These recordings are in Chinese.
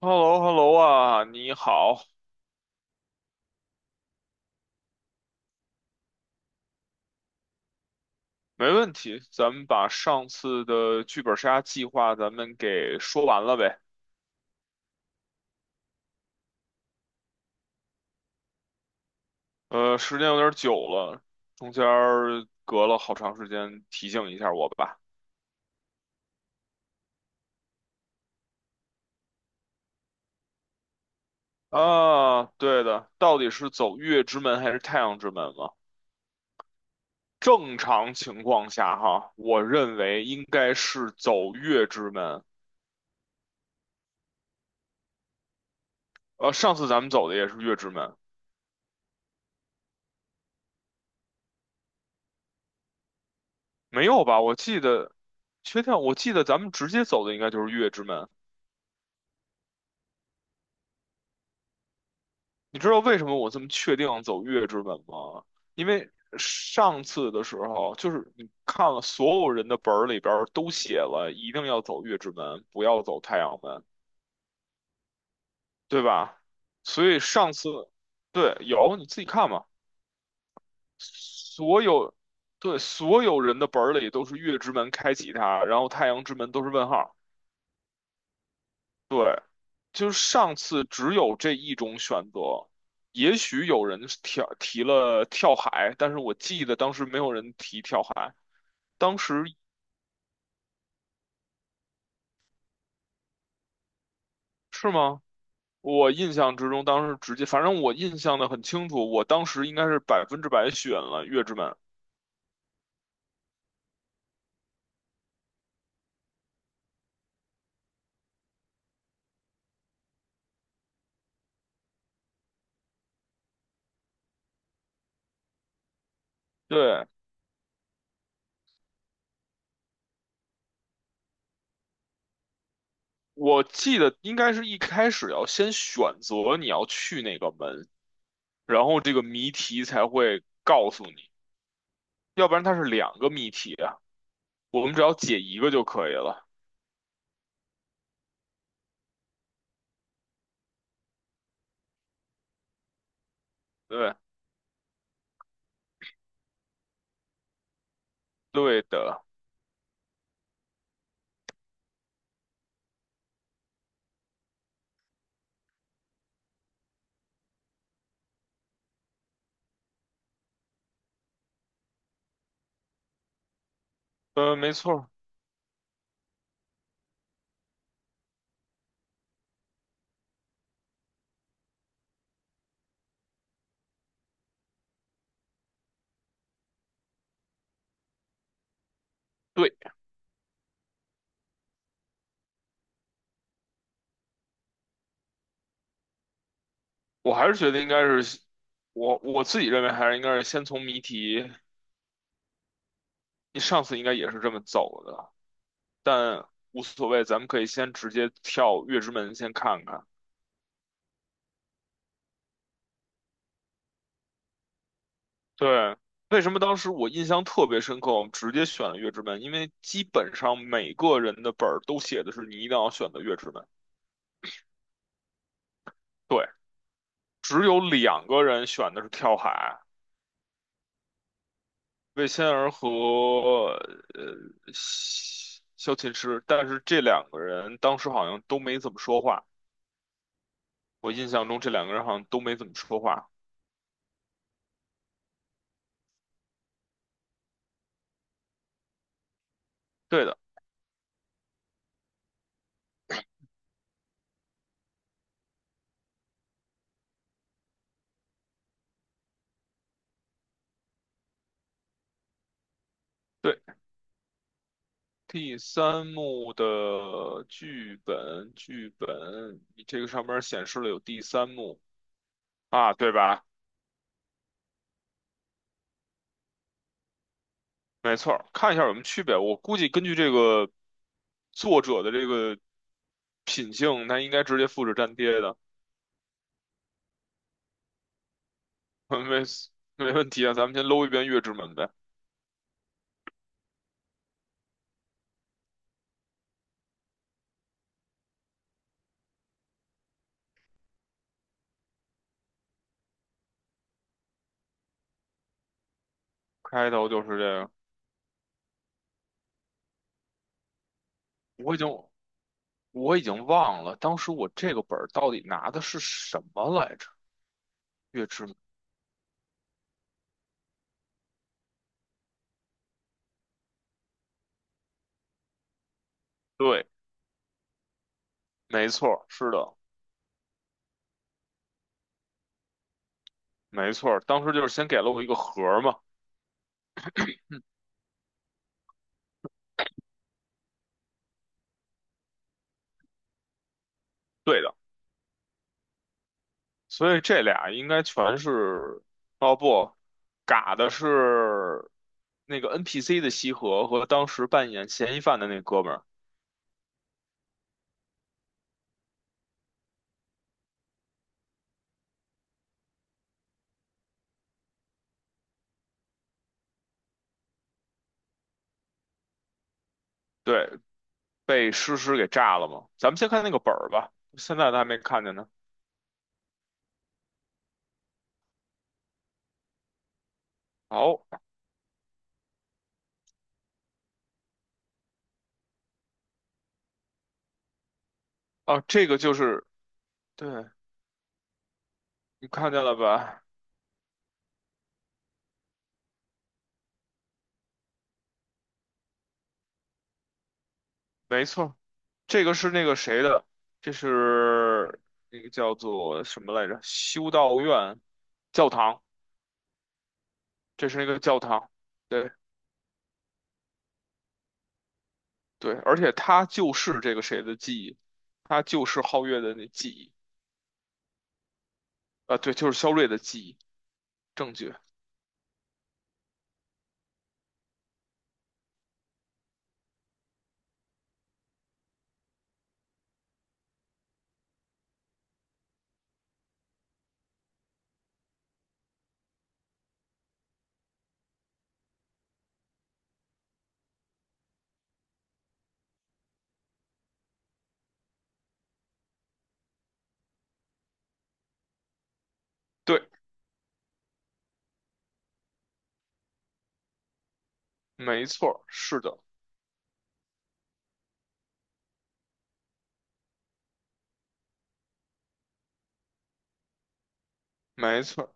H E L L O H E L L O 啊，你好。没问题，咱们把上次的剧本杀计划给说完了呗。时间有点久了，中间儿隔了好长时间，提醒一下我吧。对的，到底是走月之门还是太阳之门嘛？正常情况下哈，我认为应该是走月之门。上次咱们走的也是月之门。没有吧？我记得，确定，我记得咱们直接走的应该就是月之门。你知道为什么我这么确定走月之门吗？因为上次的时候，就是你看了所有人的本儿里边儿都写了，一定要走月之门，不要走太阳门，对吧？所以上次，对，有你自己看嘛。所有，对，所有人的本儿里都是月之门开启它，然后太阳之门都是问号。对，就是上次只有这一种选择。也许有人跳提了跳海，但是我记得当时没有人提跳海。当时是吗？我印象之中，当时直接，反正我印象的很清楚，我当时应该是百分之百选了月之门。对，我记得应该是一开始要先选择你要去哪个门，然后这个谜题才会告诉你，要不然它是两个谜题啊，我们只要解一个就可以了。对。对的。嗯，没错。对，我还是觉得应该是，我自己认为还是应该是先从谜题，你上次应该也是这么走的，但无所谓，咱们可以先直接跳月之门先看看。对，为什么当时我印象特别深刻，我们直接选了月之门，因为基本上每个人的本儿都写的是你一定要选择月之门，对，只有两个人选的是跳海。魏仙儿和呃萧琴师，但是这两个人当时好像都没怎么说话。我印象中这两个人好像都没怎么说话。对的。对。第三幕的剧本，剧本，你这个上面显示了有第三幕啊，对吧？没错儿，看一下有什么区别。我估计根据这个作者的这个品性，他应该直接复制粘贴的。没没问题啊。咱们先搂一遍《月之门》呗。开头就是这个，我已经我已经忘了当时我这个本儿到底拿的是什么来着？月之门。对，没错儿，是的。没错儿，当时就是先给了我一个盒儿嘛。对的，所以这俩应该全是，哦不，嘎的是那个 NPC 的西河和当时扮演嫌疑犯的那哥们儿。对，被诗诗给炸了嘛。咱们先看那个本儿吧，现在都还没看见呢。好。哦，这个就是，对，你看见了吧？没错，这个是那个谁的，这是那个叫做什么来着？修道院教堂，这是那个教堂。对。对，而且他就是这个谁的记忆，他就是皓月的那记忆。啊，对，就是肖睿的记忆，证据。对，没错，是的。没错，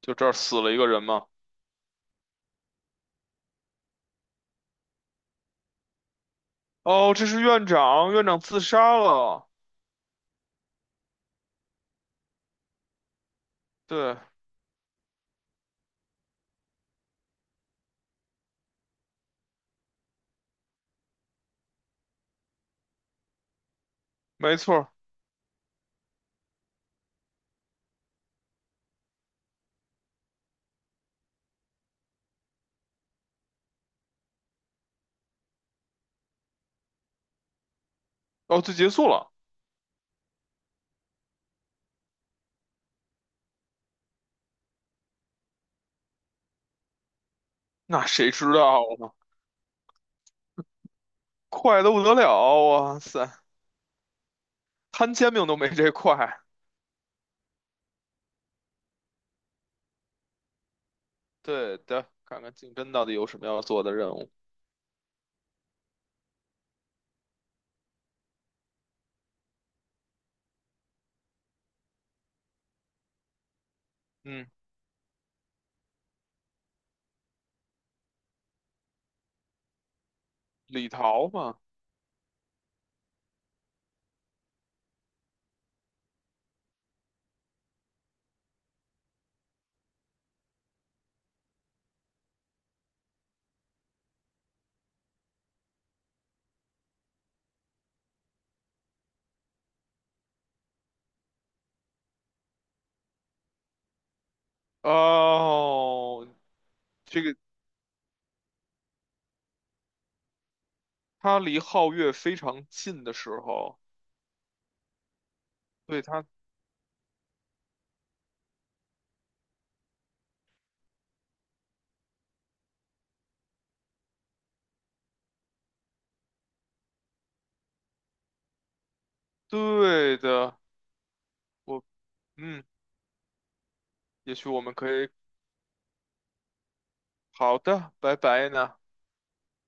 就这儿死了一个人嘛。哦，这是院长，院长自杀了。对，没错。哦，就结束了。那谁知道呢？快得不得了啊，哇塞！摊煎饼都没这块。 对的，看看竞争到底有什么要做的任务。嗯，李桃嘛，哦，这个他离皓月非常近的时候，对他。对的，我，嗯，也许我们可以，好的，拜拜呢。